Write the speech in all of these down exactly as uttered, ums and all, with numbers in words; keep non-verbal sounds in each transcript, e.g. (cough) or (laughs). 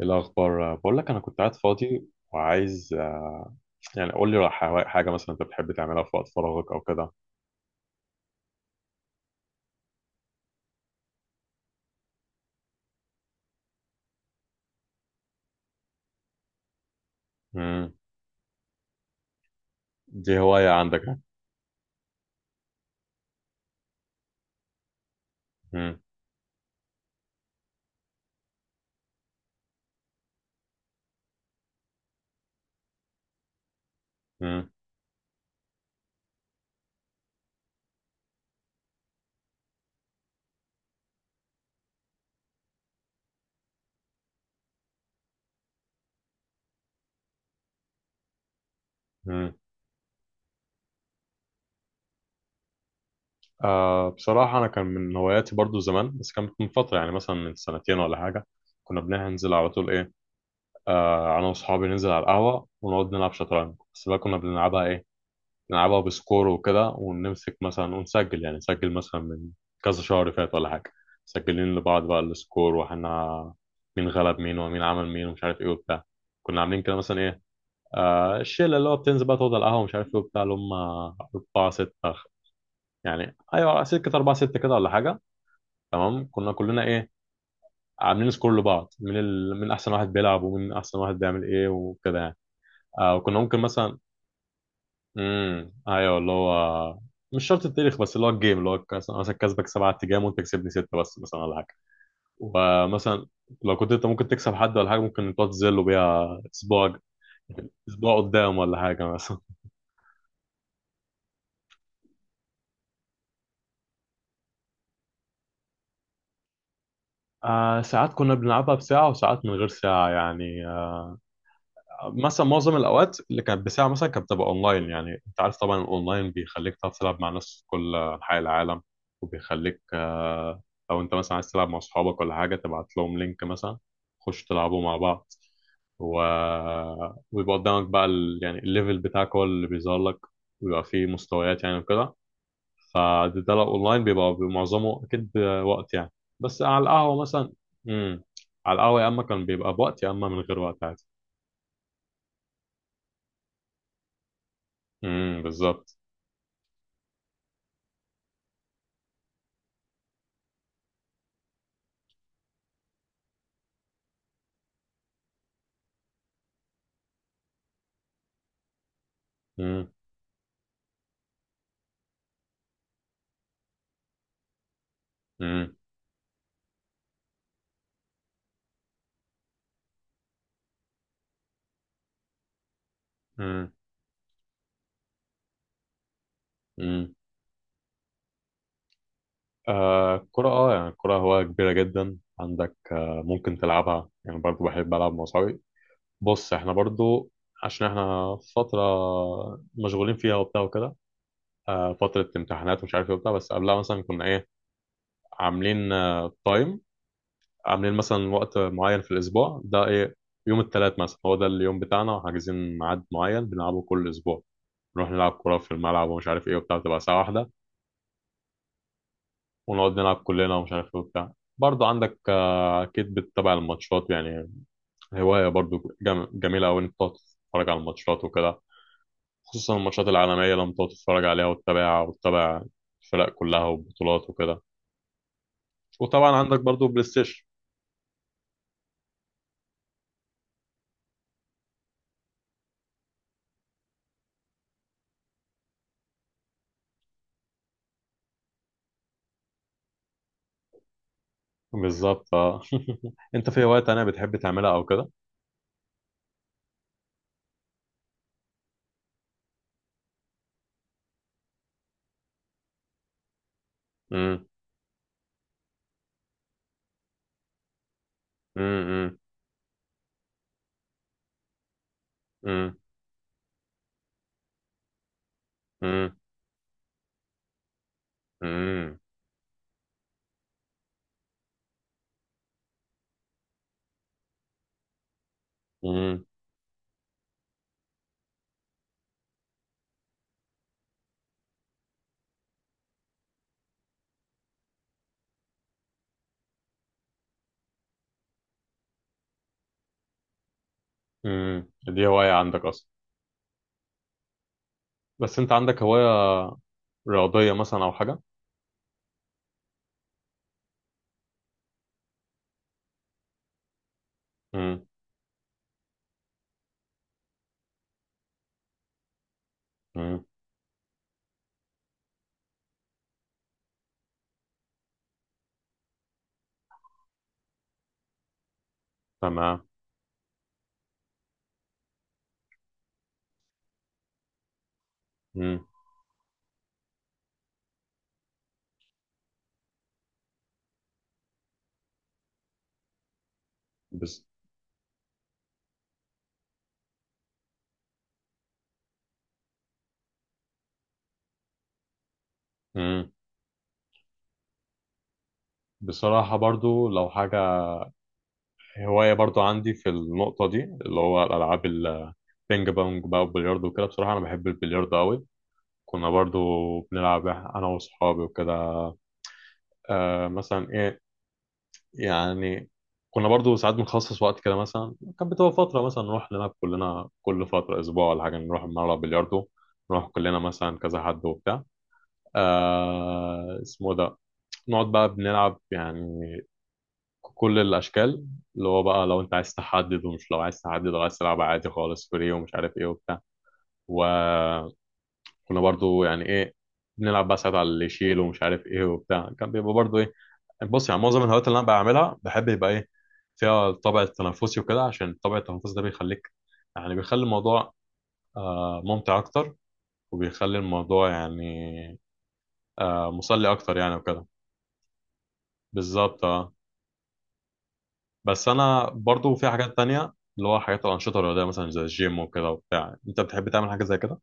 إيه الأخبار؟ بقول لك أنا كنت قاعد فاضي وعايز آه، يعني قول لي حوا- حاجة مثلا أنت بتحب تعملها في وقت فراغك أو كده. مم. دي هواية عندك يعني؟ مم. مم. مم. آه، بصراحة أنا كان من هواياتي برضو زمان، بس كانت من فترة، يعني مثلا من سنتين ولا حاجة. كنا بننزل على طول، إيه، آه أنا وأصحابي ننزل على القهوة ونقعد نلعب شطرنج. بس بقى كنا بنلعبها إيه، نلعبها بسكور وكده، ونمسك مثلا ونسجل، يعني نسجل مثلا من كذا شهر فات ولا حاجة. مسجلين لبعض بقى السكور، واحنا مين غلب مين ومين عمل مين ومش عارف ايه وبتاع. كنا عاملين كده مثلا ايه، آه الشلة اللي هو بتنزل بقى تقعد على القهوة ومش عارف ايه وبتاع، اللي هم أربعة ستة، خ- يعني أيوة سكة أربعة ستة كده ولا حاجة. تمام، كنا كلنا ايه، عاملين سكور لبعض من ال... من أحسن واحد بيلعب ومن أحسن واحد بيعمل ايه وكده يعني. آه وكنا ممكن مثلا، امم ايوه اللي هو، مش شرط التاريخ، بس اللي هو الجيم اللي هو مثلا مثلا كسبك سبعة تجام وانت كسبني ستة بس مثلا ولا حاجة. ومثلا لو كنت انت ممكن تكسب حد ولا حاجة، ممكن تقعد تذله بيها اسبوع، اسبوع قدام ولا حاجة مثلا. آه ساعات كنا بنلعبها بساعة وساعات من غير ساعة يعني. مثلا معظم الاوقات اللي كانت بساعه مثلا كانت بتبقى اونلاين. يعني انت عارف طبعا الاونلاين بيخليك تعرف تلعب مع ناس في كل انحاء العالم، وبيخليك آه، لو انت مثلا عايز تلعب مع اصحابك ولا حاجه تبعت لهم لينك مثلا، خش تلعبوا مع بعض. و... ويبقى قدامك بقى ال... يعني الليفل بتاعك هو اللي بيظهر لك، ويبقى فيه مستويات يعني وكده. فده، ده لو اونلاين بيبقى معظمه اكيد وقت يعني. بس على القهوه مثلا، امم، على القهوه يا اما كان بيبقى بوقت يا اما من غير وقت عادي. امم، بالظبط. مم. مم. مم. مم. آه الكرة، اه يعني الكرة هواية كبيرة جدا عندك. آه ممكن تلعبها، يعني برضو بحب ألعب مع صحابي. بص احنا برضو، عشان احنا فترة مشغولين فيها وبتاع وكده، آه فترة امتحانات ومش عارف ايه وبتاع. بس قبلها مثلا كنا ايه، عاملين آه تايم، عاملين مثلا وقت معين في الأسبوع ده ايه، يوم التلات مثلا هو ده اليوم بتاعنا، وحاجزين ميعاد معين بنلعبه كل أسبوع. نروح نلعب كرة في الملعب ومش عارف ايه وبتاع، بتبقى ساعة واحدة، ونقعد نلعب كلنا ومش عارف ايه وبتاع. برضه عندك آه، اكيد بتتابع الماتشات يعني، هوايه برضه جم- جميله قوي انك تقعد تتفرج على الماتشات وكده، خصوصا الماتشات العالميه لما تقعد تتفرج عليها وتتابعها، وتتابع الفرق كلها والبطولات وكده. وطبعا عندك برضه بلاي ستيشن. بالظبط اه. (laughs) انت في هوايه تانية بتحب تعملها او كده؟ امم. امم. امم. امم. امم. امم. امم، دي هوايه عندك اصلا؟ بس انت عندك هوايه رياضيه مثلا او حاجه؟ امم. امم. تمام. مم. بس. مم. بصراحة برضو لو حاجة، هواية برضو عندي في النقطة دي اللي هو الألعاب، البينج بونج بقى والبلياردو وكده. بصراحة أنا بحب البلياردو أوي. كنا برضو بنلعب أنا وأصحابي وكده. آه مثلا إيه، يعني كنا برضو ساعات بنخصص وقت كده. مثلا كانت بتبقى فترة مثلا نروح نلعب كلنا كل فترة أسبوع ولا حاجة، نروح نلعب بلياردو. نروح كلنا مثلا كذا حد وبتاع، آه اسمه ده، نقعد بقى بنلعب يعني كل الاشكال، اللي هو بقى لو انت عايز تحدد، ومش لو عايز تحدد وعايز تلعب عادي خالص فري ومش عارف ايه وبتاع. وكنا برضو يعني ايه، بنلعب بقى ساعات على اللي يشيل ومش عارف ايه وبتاع. كان بيبقى برضو ايه، بص يعني معظم الهوايات اللي انا بعملها بحب يبقى ايه، فيها الطابع التنافسي وكده، عشان طابع التنافسي ده بيخليك، يعني بيخلي الموضوع آه، ممتع اكتر، وبيخلي الموضوع يعني آه، مسلي اكتر يعني وكده. بالظبط اه. بس انا برضو في حاجات تانية اللي هو حاجات الانشطه الرياضيه مثلا زي الجيم وكده وبتاع. انت بتحب تعمل حاجه زي كده؟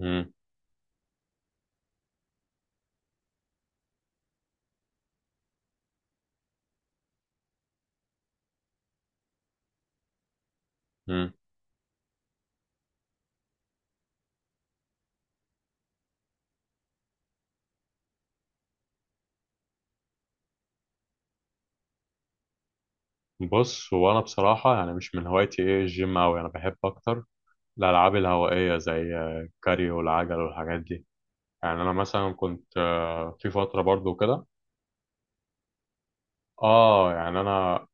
امم. امم. بص هو انا بصراحه يعني مش من هوايتي ايه الجيم اوي. انا بحب اكتر الالعاب الهوائيه زي آه، الكاريو والعجل والحاجات دي. يعني انا مثلا كنت آه، في فتره برضو كده. اه يعني انا،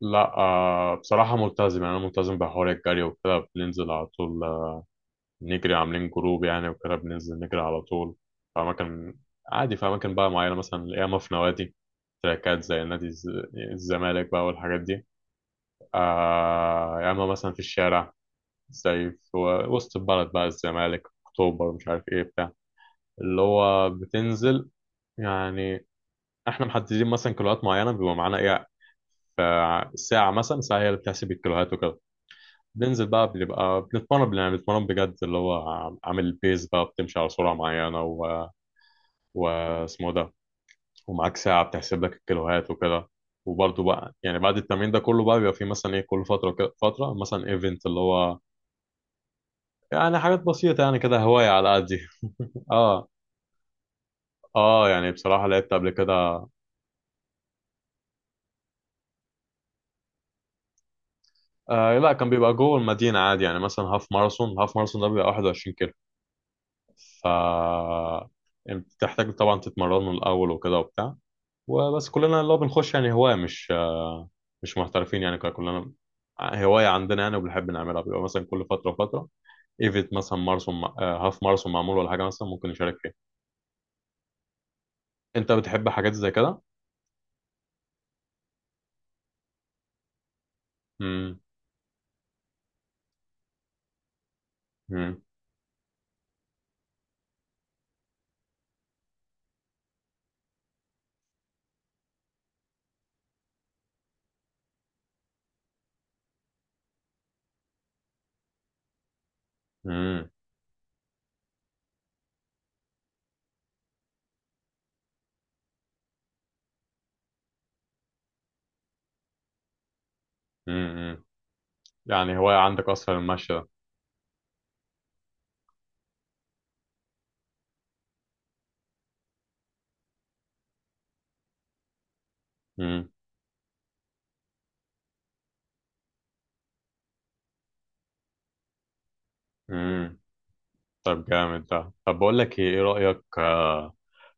لا آه بصراحه ملتزم، يعني انا ملتزم بحوار الجري وكده، بننزل على طول نجري. عاملين جروب يعني وكده، بننزل نجري على طول في أماكن. عادي في أماكن بقى معينة، مثلا ياما في نوادي، تراكات زي نادي الز- الزمالك بقى والحاجات دي. آه ياما مثلا في الشارع، زي في وسط البلد بقى، الزمالك، أكتوبر، مش عارف إيه بتاع. اللي هو بتنزل، يعني إحنا محددين مثلا كيلوهات معينة، بيبقى معانا إيه، فساعة مثلا ساعة هي اللي بتحسب الكيلوهات وكده. بننزل بقى بنبقى بنتمرن يعني، بنتمرن بجد اللي هو عامل بيز بقى بتمشي على سرعة معينة واسمه ده. ومعاك ساعة بتحسب لك الكيلوهات وكده. وبرضه بقى يعني بعد التمرين ده كله بقى بيبقى في مثلا ايه، كل فترة كده فترة مثلا ايفنت اللي هو، يعني حاجات بسيطة يعني كده، هواية على قدي. (laughs) اه. اه يعني بصراحة لعبت قبل كده. آه لا، كان بيبقى جوه المدينة عادي يعني، مثلا هاف ماراثون، هاف ماراثون ده بيبقى 21 كيلو. ف يعني بتحتاج طبعا تتمرن من الأول وكده وبتاع، وبس كلنا اللي هو بنخش يعني هواية، مش مش محترفين يعني. كنا كلنا آه، هواية عندنا يعني وبنحب نعملها. بيبقى مثلا كل فترة وفترة ايفنت، مثلا ماراثون آه، هاف ماراثون معمول ولا حاجة مثلا، ممكن نشارك فيها. انت بتحب حاجات زي كده؟ مم، مم، مم، مم، مم. يعني هواية عندك اصلا المشي ده؟ مم، مم. طب جامد ده. طب بقول لك ايه، إيه رأيك آه،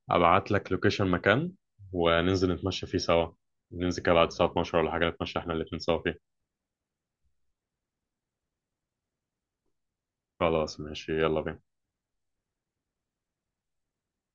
ابعت لك لوكيشن مكان وننزل نتمشى فيه سوا، ننزل كده بعد الساعة اتناشر ولا حاجة، نتمشى احنا الاتنين سوا فيه. خلاص ماشي، يلا بينا.